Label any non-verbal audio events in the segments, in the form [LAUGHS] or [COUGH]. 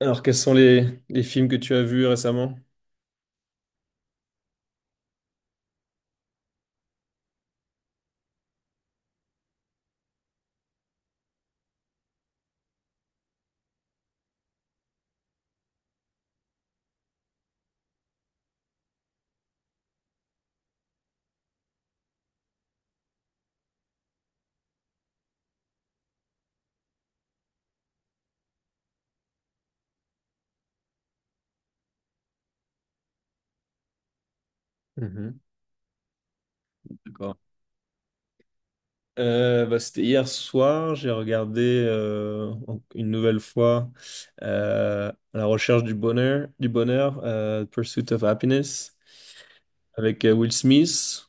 Alors, quels sont les films que tu as vus récemment? Mhm. D'accord. Bah, c'était hier soir, j'ai regardé une nouvelle fois La recherche du bonheur, Pursuit of Happiness, avec Will Smith.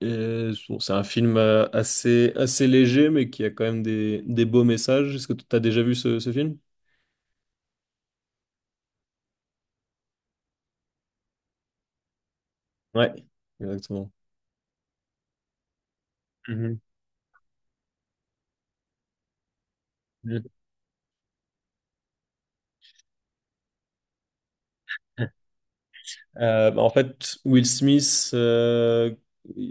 Et bon, c'est un film assez léger, mais qui a quand même des beaux messages. Est-ce que tu as déjà vu ce film? Ouais, exactement. Mhm, mhm. En fait, Will Smith,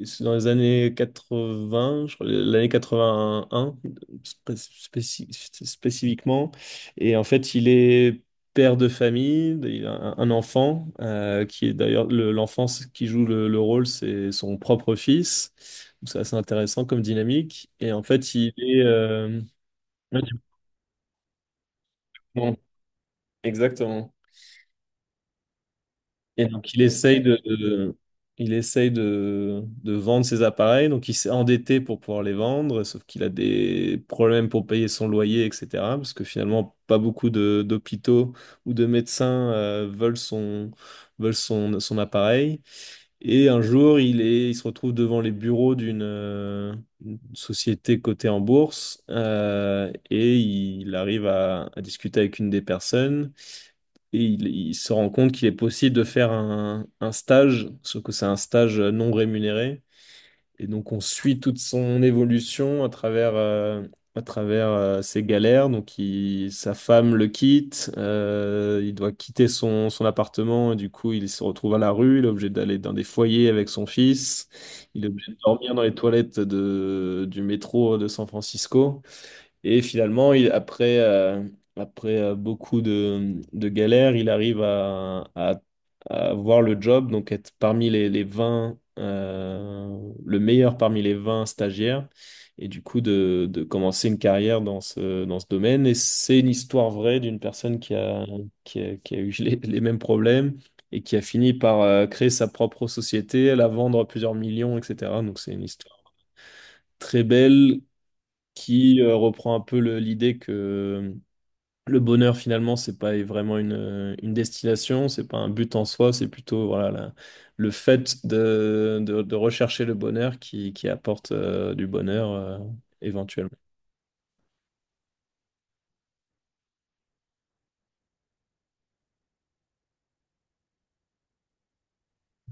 c'est dans les années 80, je crois, l'année 81 spé- spéci- spécifiquement. Et en fait, il est père de famille, il a un enfant, qui est d'ailleurs l'enfant qui joue le rôle, c'est son propre fils. Donc c'est assez intéressant comme dynamique. Et en fait, ouais, non. Exactement. Et donc, il essaye de vendre ses appareils. Donc il s'est endetté pour pouvoir les vendre, sauf qu'il a des problèmes pour payer son loyer, etc. Parce que finalement, pas beaucoup d'hôpitaux ou de médecins veulent veulent son appareil. Et un jour, il se retrouve devant les bureaux d'une une société cotée en bourse et il arrive à discuter avec une des personnes et il se rend compte qu'il est possible de faire un stage, sauf que c'est un stage non rémunéré. Et donc on suit toute son évolution à travers ses galères. Donc sa femme le quitte, il doit quitter son appartement, et du coup il se retrouve à la rue, il est obligé d'aller dans des foyers avec son fils, il est obligé de dormir dans les toilettes du métro de San Francisco. Et finalement, après beaucoup de galères, il arrive à avoir le job, donc être parmi les 20 le meilleur parmi les 20 stagiaires, et du coup de commencer une carrière dans dans ce domaine. Et c'est une histoire vraie d'une personne qui a eu les mêmes problèmes et qui a fini par créer sa propre société, la vendre à plusieurs millions, etc. Donc c'est une histoire très belle qui reprend un peu l'idée que le bonheur finalement c'est pas vraiment une destination, c'est pas un but en soi, c'est plutôt voilà le fait de rechercher le bonheur qui apporte du bonheur éventuellement.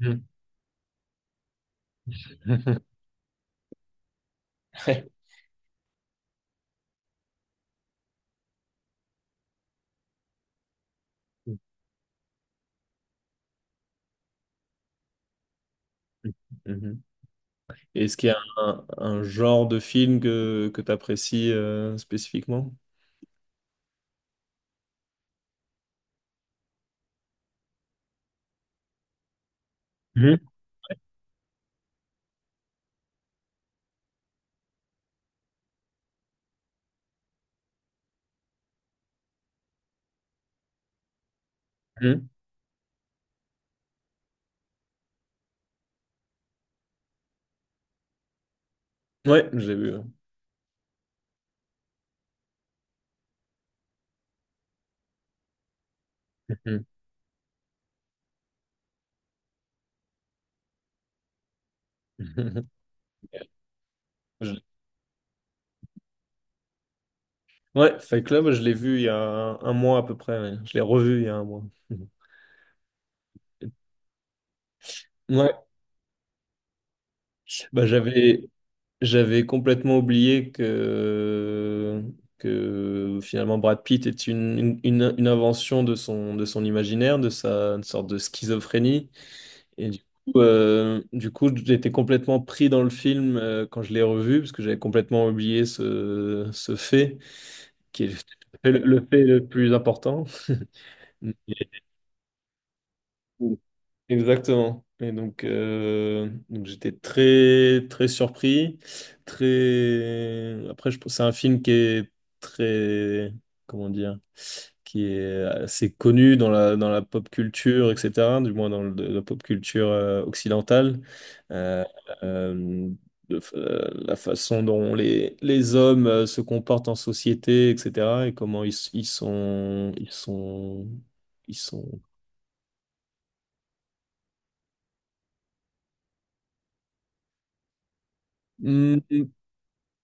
Ouais. [LAUGHS] Mhm. Est-ce qu'il y a un genre de film que tu apprécies spécifiquement? Mhm. Mhm. Ouais, j'ai vu. Mhm. [LAUGHS] Je… Ouais, Fight Club, je l'ai vu il y a un mois à peu près. Ouais. Je l'ai revu il y a un mois. [LAUGHS] Ouais, bah j'avais j'avais complètement oublié que finalement Brad Pitt est une invention de son imaginaire, de sa une sorte de schizophrénie. Et du du coup j'étais complètement pris dans le film quand je l'ai revu parce que j'avais complètement oublié ce fait qui est le fait le plus important. [LAUGHS] Exactement. Et donc j'étais très surpris, très. Après, je pense c'est un film qui est très, comment dire, qui est assez connu dans la pop culture, etc. Du moins dans la pop culture occidentale. Euh, euh, la façon dont les hommes se comportent en société, etc. Et comment ils sont… Hmm,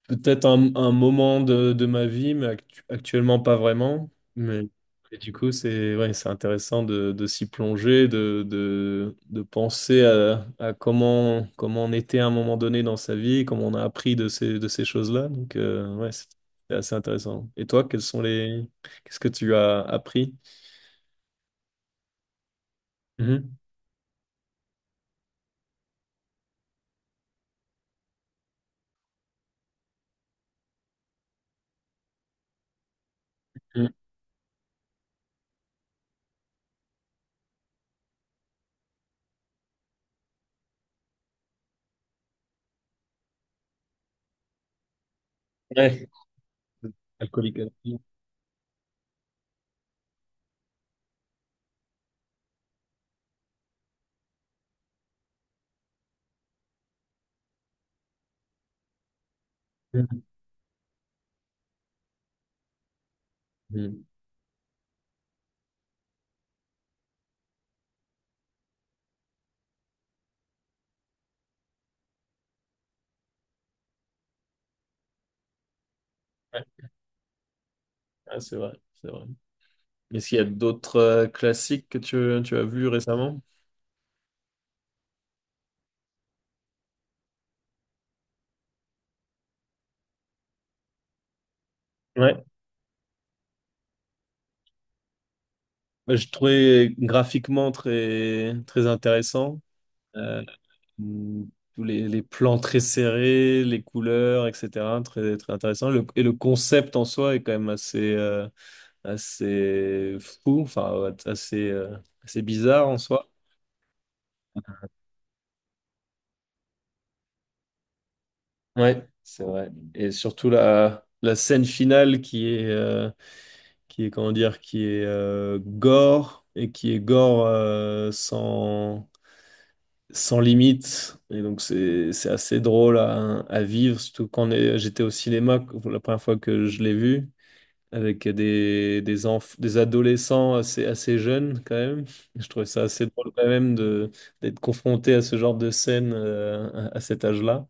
peut-être un moment de ma vie, mais actuellement pas vraiment. Mais et du coup, c'est ouais, c'est intéressant de s'y plonger, de penser à comment, comment on était à un moment donné dans sa vie, comment on a appris de de ces choses-là. Donc, ouais, c'est assez intéressant. Et toi, quels sont les… qu'est-ce que tu as appris? Mhm. Mhm. Ouais. Alcoolique Anonyme. Mhm. Mhm. Ouais, ouais, c'est vrai, c'est vrai. Est-ce qu'il y a d'autres classiques que tu as vus récemment? Je trouvais graphiquement très intéressant. Euh, Tous les plans très serrés, les couleurs, etc. Très, très intéressant. Et le concept en soi est quand même assez fou, enfin, ouais, assez bizarre en soi. Ouais, c'est vrai. Et surtout la scène finale qui est, comment dire, qui est gore et qui est gore sans, sans limite. Et donc c'est assez drôle à vivre, surtout j'étais au cinéma pour la première fois que je l'ai vu, avec des adolescents assez jeunes quand même. Je trouvais ça assez drôle quand même d'être confronté à ce genre de scène à cet âge-là.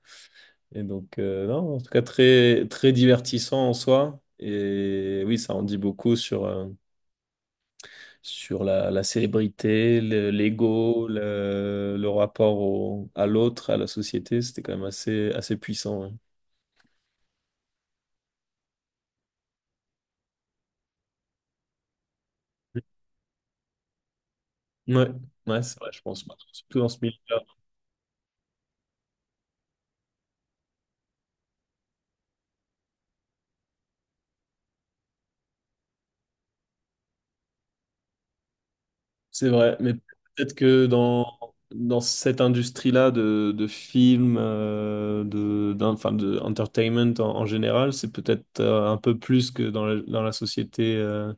Et donc, non, en tout cas, très, très divertissant en soi. Et oui, ça en dit beaucoup sur, sur la célébrité, l'ego, le rapport à l'autre, à la société. C'était quand même assez, assez puissant. Ouais, ouais, ouais, c'est vrai, je pense. Bah, surtout dans ce milieu-là. C'est vrai, mais peut-être que dans cette industrie-là de films, enfin, de entertainment en général, c'est peut-être un peu plus que dans dans la société euh,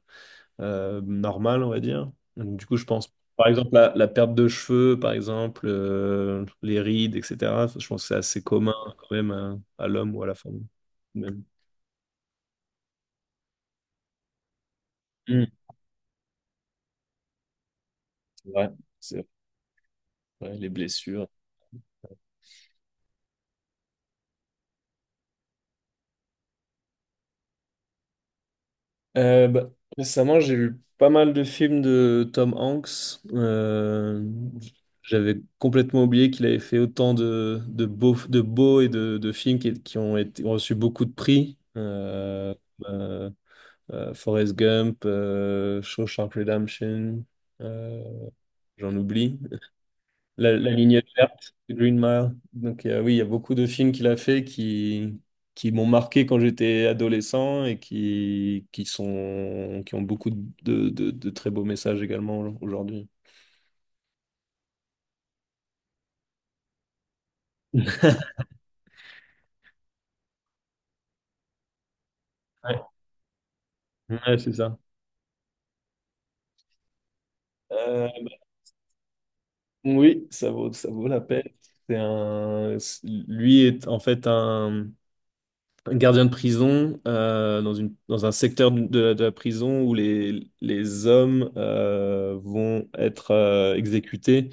euh, normale, on va dire. Donc du coup, je pense, par exemple, la perte de cheveux, par exemple, les rides, etc. Je pense que c'est assez commun quand même à l'homme ou à la femme. Même. Hmm, c'est vrai, c'est vrai, les blessures. Euh, bah, Récemment, j'ai vu pas mal de films de Tom Hanks. J'avais complètement oublié qu'il avait fait autant de beaux et de films qui ont été, ont reçu beaucoup de prix. Euh, Forrest Gump, Shawshank Redemption, euh, j'en oublie. La ligne verte, Green Mile. Donc oui, il y a beaucoup de films qu'il a fait qui m'ont marqué quand j'étais adolescent et qui ont beaucoup de très beaux messages également aujourd'hui. [LAUGHS] Ouais, ouais, c'est ça. Euh, bah, oui, ça vaut la peine. Lui est en fait un gardien de prison dans un secteur de la prison où les hommes vont être exécutés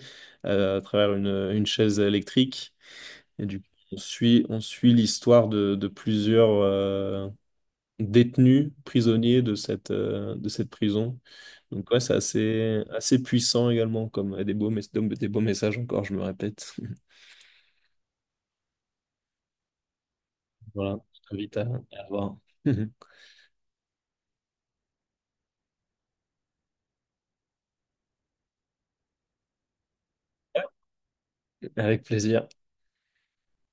à travers une chaise électrique. Et du coup, on suit l'histoire de plusieurs détenus, prisonniers de de cette prison. Donc ouais, c'est assez, assez puissant également, comme et des beaux, des beaux messages encore, je me répète. [LAUGHS] Voilà, je t'invite à voir. [LAUGHS] Avec plaisir.